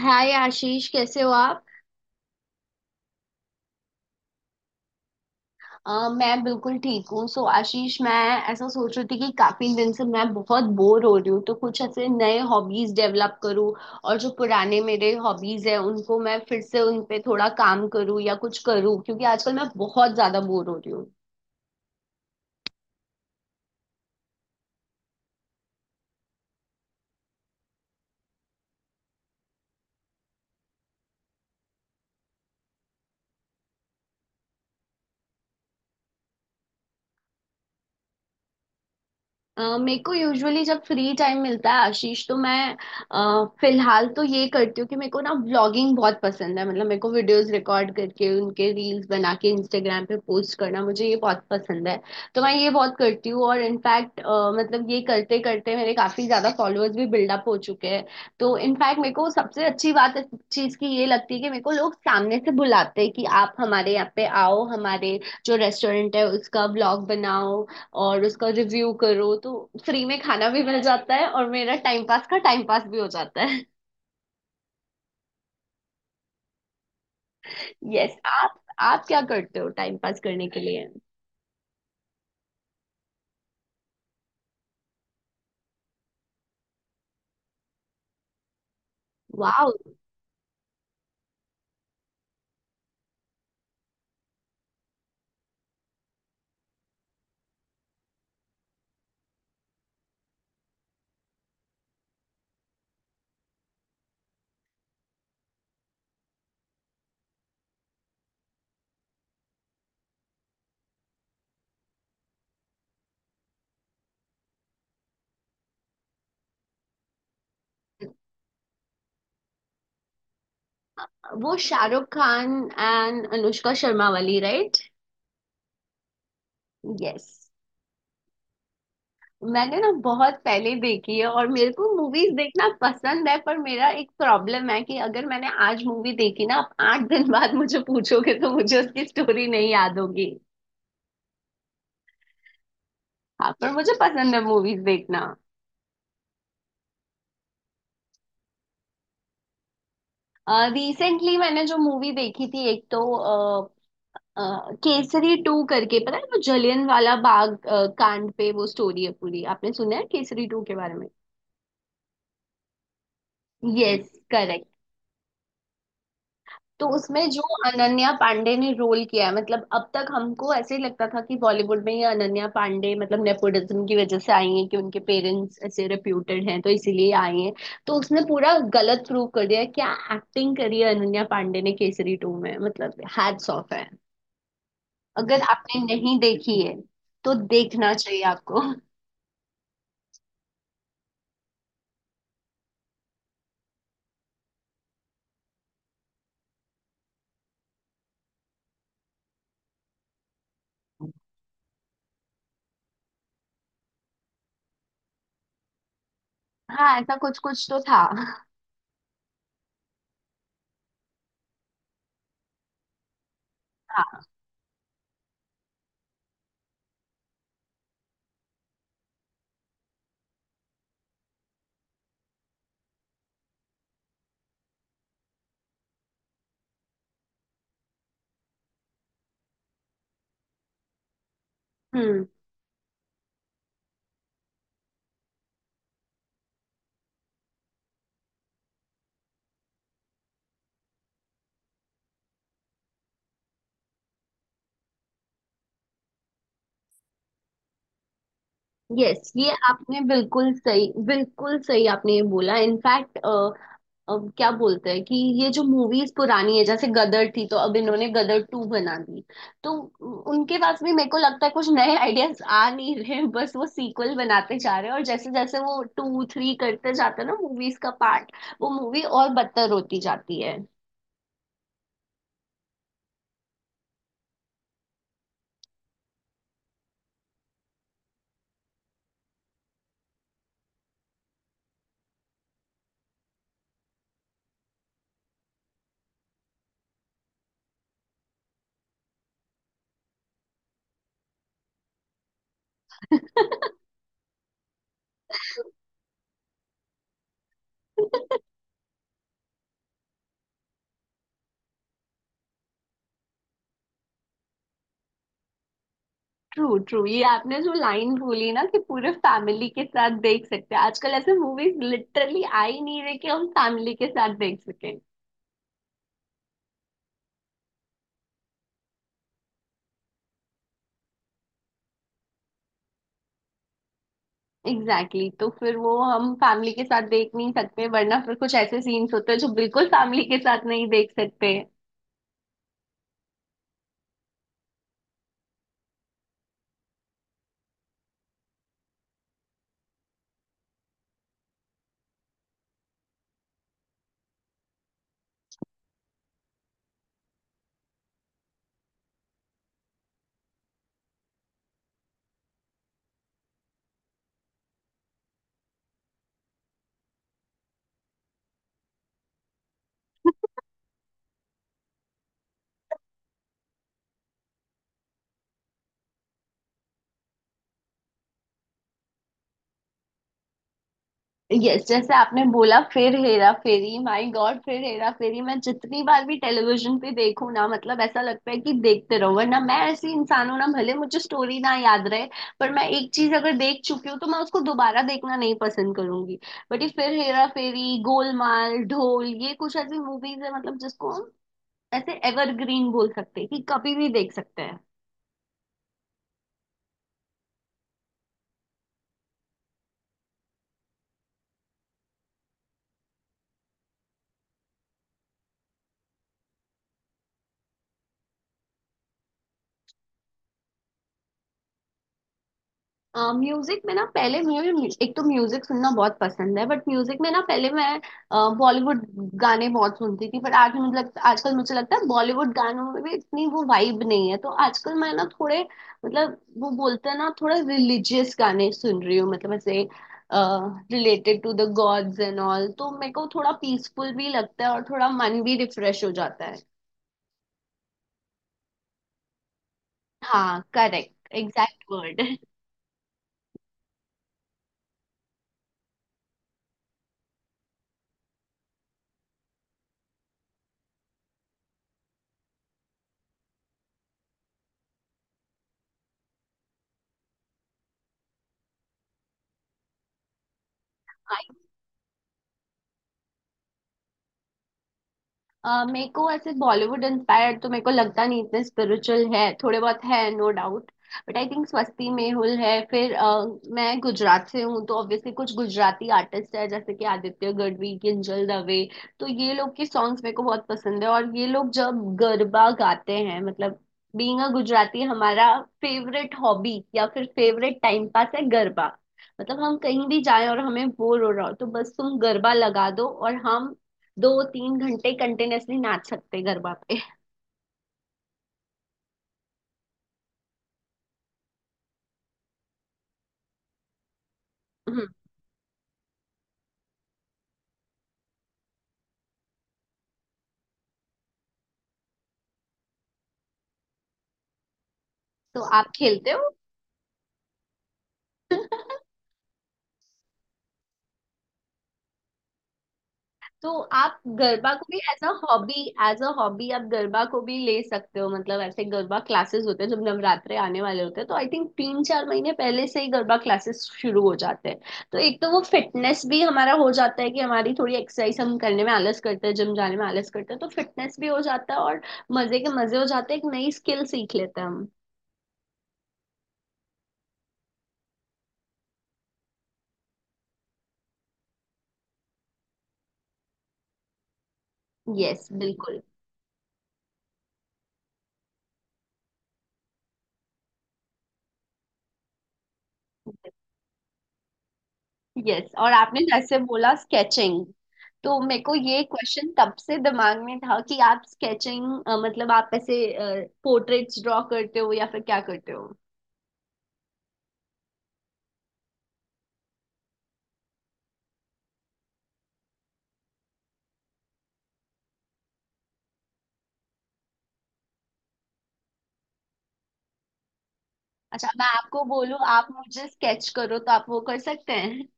हाय आशीष, कैसे हो आप। मैं बिल्कुल ठीक हूँ। सो आशीष, मैं ऐसा सोच रही थी कि काफी दिन से मैं बहुत बोर हो रही हूँ, तो कुछ ऐसे नए हॉबीज डेवलप करूँ और जो पुराने मेरे हॉबीज है उनको मैं फिर से उन पे थोड़ा काम करूँ या कुछ करूँ, क्योंकि आजकल मैं बहुत ज्यादा बोर हो रही हूँ। मेरे को यूजुअली जब फ्री टाइम मिलता है आशीष, तो मैं फिलहाल तो ये करती हूँ कि मेरे को ना व्लॉगिंग बहुत पसंद है। मतलब मेरे को वीडियोस रिकॉर्ड करके उनके रील्स बना के इंस्टाग्राम पे पोस्ट करना मुझे ये बहुत पसंद है। तो मैं ये बहुत करती हूँ, और इनफैक्ट मतलब ये करते करते मेरे काफी ज्यादा फॉलोअर्स भी बिल्डअप हो चुके हैं। तो इनफैक्ट मेरे को सबसे अच्छी बात इस चीज की ये लगती है कि मेरे को लोग सामने से बुलाते हैं कि आप हमारे यहाँ पे आओ, हमारे जो रेस्टोरेंट है उसका व्लॉग बनाओ और उसका रिव्यू करो। तो फ्री में खाना भी मिल जाता है और मेरा टाइम पास का टाइम पास भी हो जाता है। यस। आप क्या करते हो टाइम पास करने के लिए। वाह। वो शाहरुख खान एंड अनुष्का शर्मा वाली, राइट। यस। मैंने ना बहुत पहले देखी है, और मेरे को मूवीज देखना पसंद है, पर मेरा एक प्रॉब्लम है कि अगर मैंने आज मूवी देखी ना, आप 8 दिन बाद मुझे पूछोगे तो मुझे उसकी स्टोरी नहीं याद होगी। हाँ, पर मुझे पसंद है मूवीज देखना। रिसेंटली मैंने जो मूवी देखी थी एक, तो अ, अ, केसरी टू करके, पता है वो जलियन वाला बाग कांड पे वो स्टोरी है पूरी। आपने सुना है केसरी टू के बारे में। Yes, correct. तो उसमें जो अनन्या पांडे ने रोल किया है, मतलब अब तक हमको ऐसे ही लगता था कि बॉलीवुड में ये अनन्या पांडे मतलब नेपोटिज्म की वजह से आई है, कि उनके पेरेंट्स ऐसे रेप्यूटेड हैं तो इसीलिए आई हैं। तो उसने पूरा गलत प्रूव कर दिया, क्या एक्टिंग करी है अनन्या पांडे ने केसरी टू में। मतलब हैट्स ऑफ है। अगर आपने नहीं देखी है तो देखना चाहिए आपको। हाँ, ऐसा कुछ कुछ तो था। हाँ। हम्म। यस, ये आपने बिल्कुल सही, बिल्कुल सही आपने ये बोला। इनफैक्ट क्या बोलते हैं कि ये जो मूवीज पुरानी है, जैसे गदर थी, तो अब इन्होंने गदर टू बना दी। तो उनके पास भी मेरे को लगता है कुछ नए आइडियाज आ नहीं रहे, बस वो सीक्वल बनाते जा रहे हैं, और जैसे जैसे वो टू थ्री करते जाते हैं ना मूवीज का पार्ट, वो मूवी और बदतर होती जाती है। ट्रू ट्रू, ये आपने जो लाइन बोली ना कि पूरे फैमिली के साथ देख सकते हैं, आजकल ऐसे मूवीज लिटरली आ ही नहीं रहे कि हम फैमिली के साथ देख सकें। Exactly, exactly. तो फिर वो हम फैमिली के साथ देख नहीं सकते, वरना फिर कुछ ऐसे सीन्स होते हैं जो बिल्कुल फैमिली के साथ नहीं देख सकते। यस, जैसे आपने बोला फिर हेरा फेरी, माय गॉड, फिर हेरा फेरी मैं जितनी बार भी टेलीविजन पे देखूं ना, मतलब ऐसा लगता है कि देखते रहो। वरना मैं ऐसी इंसान हूं ना, भले मुझे स्टोरी ना याद रहे, पर मैं एक चीज अगर देख चुकी हूँ तो मैं उसको दोबारा देखना नहीं पसंद करूंगी। बट ये फिर हेरा फेरी, गोलमाल, ढोल, ये कुछ ऐसी मूवीज है मतलब जिसको हम ऐसे एवरग्रीन बोल सकते हैं, कि कभी भी देख सकते हैं। म्यूजिक में ना, पहले मुझे एक तो म्यूजिक सुनना बहुत पसंद है, बट म्यूजिक में ना पहले मैं बॉलीवुड गाने बहुत सुनती थी, बट आज मुझे लगता आजकल मुझे लगता है बॉलीवुड गानों में भी इतनी वो वाइब नहीं है। तो आजकल मैं ना थोड़े मतलब वो बोलते हैं ना, थोड़ा रिलीजियस गाने सुन रही हूँ, मतलब ऐसे related to the gods and all. तो मेरे को थोड़ा पीसफुल भी लगता है और थोड़ा मन भी रिफ्रेश हो जाता है। हाँ, करेक्ट, एग्जैक्ट वर्ड। मेरे को ऐसे बॉलीवुड इंस्पायर्ड तो मेरे को लगता नहीं इतने स्पिरिचुअल है, थोड़े बहुत है no doubt. But I think Swasti Mehul है, फिर मैं गुजरात से हूँ, तो ऑब्वियसली कुछ गुजराती आर्टिस्ट है, जैसे कि आदित्य गढ़वी, किंजल दवे। तो ये लोग के सॉन्ग्स मेरे को बहुत पसंद है, और ये लोग जब गरबा गाते हैं, मतलब बीइंग अ गुजराती हमारा फेवरेट हॉबी या फिर फेवरेट टाइम पास है गरबा। मतलब हम कहीं भी जाएं और हमें बोर हो रहा हो, तो बस तुम गरबा लगा दो और हम 2 3 घंटे कंटिन्यूअसली नाच सकते गरबा पे। हम्म। तो आप खेलते हो। तो आप गरबा को भी as a hobby, as a hobby आप गरबा को भी ले सकते हो। मतलब ऐसे गरबा क्लासेस होते हैं जब नवरात्रे आने वाले होते हैं, तो आई थिंक 3 4 महीने पहले से ही गरबा क्लासेस शुरू हो जाते हैं। तो एक तो वो फिटनेस भी हमारा हो जाता है, कि हमारी थोड़ी एक्सरसाइज हम करने में आलस करते हैं, जिम जाने में आलस करते हैं, तो फिटनेस भी हो जाता है, और मजे के मजे हो जाते हैं, एक नई स्किल सीख लेते हैं हम। यस, बिल्कुल। यस, और आपने जैसे बोला स्केचिंग, तो मेरे को ये क्वेश्चन तब से दिमाग में था कि आप स्केचिंग, मतलब आप ऐसे पोर्ट्रेट्स ड्रॉ करते हो या फिर क्या करते हो। अच्छा, मैं आपको बोलूं आप मुझे स्केच करो, तो आप वो कर सकते हैं।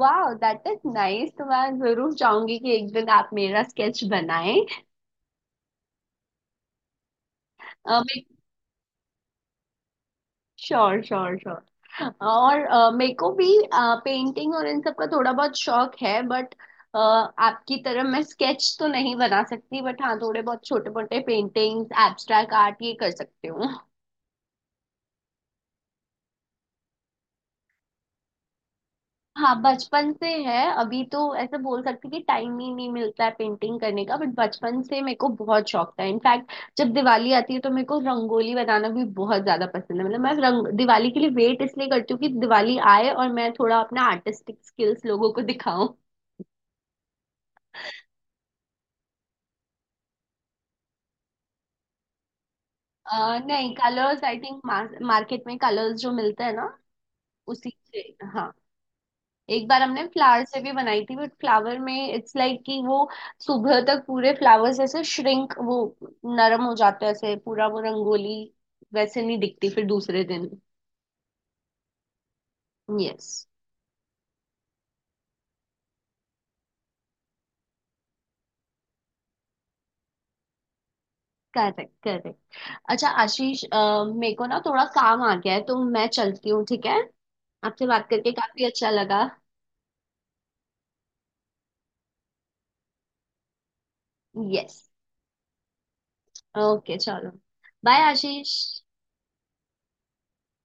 वाह, दैट इज नाइस। तो मैं जरूर चाहूंगी कि एक दिन आप मेरा स्केच बनाएं। Sure, sure, sure. और मेरे को भी पेंटिंग और इन सब का थोड़ा बहुत शौक है, बट आपकी तरह मैं स्केच तो नहीं बना सकती, बट हाँ थोड़े बहुत छोटे मोटे पेंटिंग्स, एब्स्ट्रैक्ट आर्ट ये कर सकती हूँ। हाँ, बचपन से है। अभी तो ऐसे बोल सकती कि टाइम ही नहीं मिलता है पेंटिंग करने का, बट बचपन से मेरे को बहुत शौक था। इनफैक्ट जब दिवाली आती है तो मेरे को रंगोली बनाना भी बहुत ज्यादा पसंद है। मतलब मैं रंग दिवाली के लिए वेट इसलिए करती हूँ कि दिवाली आए और मैं थोड़ा अपना आर्टिस्टिक स्किल्स लोगों को दिखाऊं। नहीं, कलर्स, आई थिंक मार्केट में कलर्स जो मिलते हैं ना, उसी से। हाँ। एक बार हमने फ्लावर से भी बनाई थी, बट फ्लावर में इट्स लाइक कि वो सुबह तक पूरे फ्लावर्स ऐसे श्रिंक, वो नरम हो जाते हैं, ऐसे पूरा वो रंगोली वैसे नहीं दिखती फिर दूसरे दिन। Yes, correct, correct. अच्छा आशीष, मेरे को ना थोड़ा काम आ गया है, तो मैं चलती हूँ, ठीक है। आपसे बात करके काफी अच्छा लगा। यस, ओके, चलो। बाय आशीष।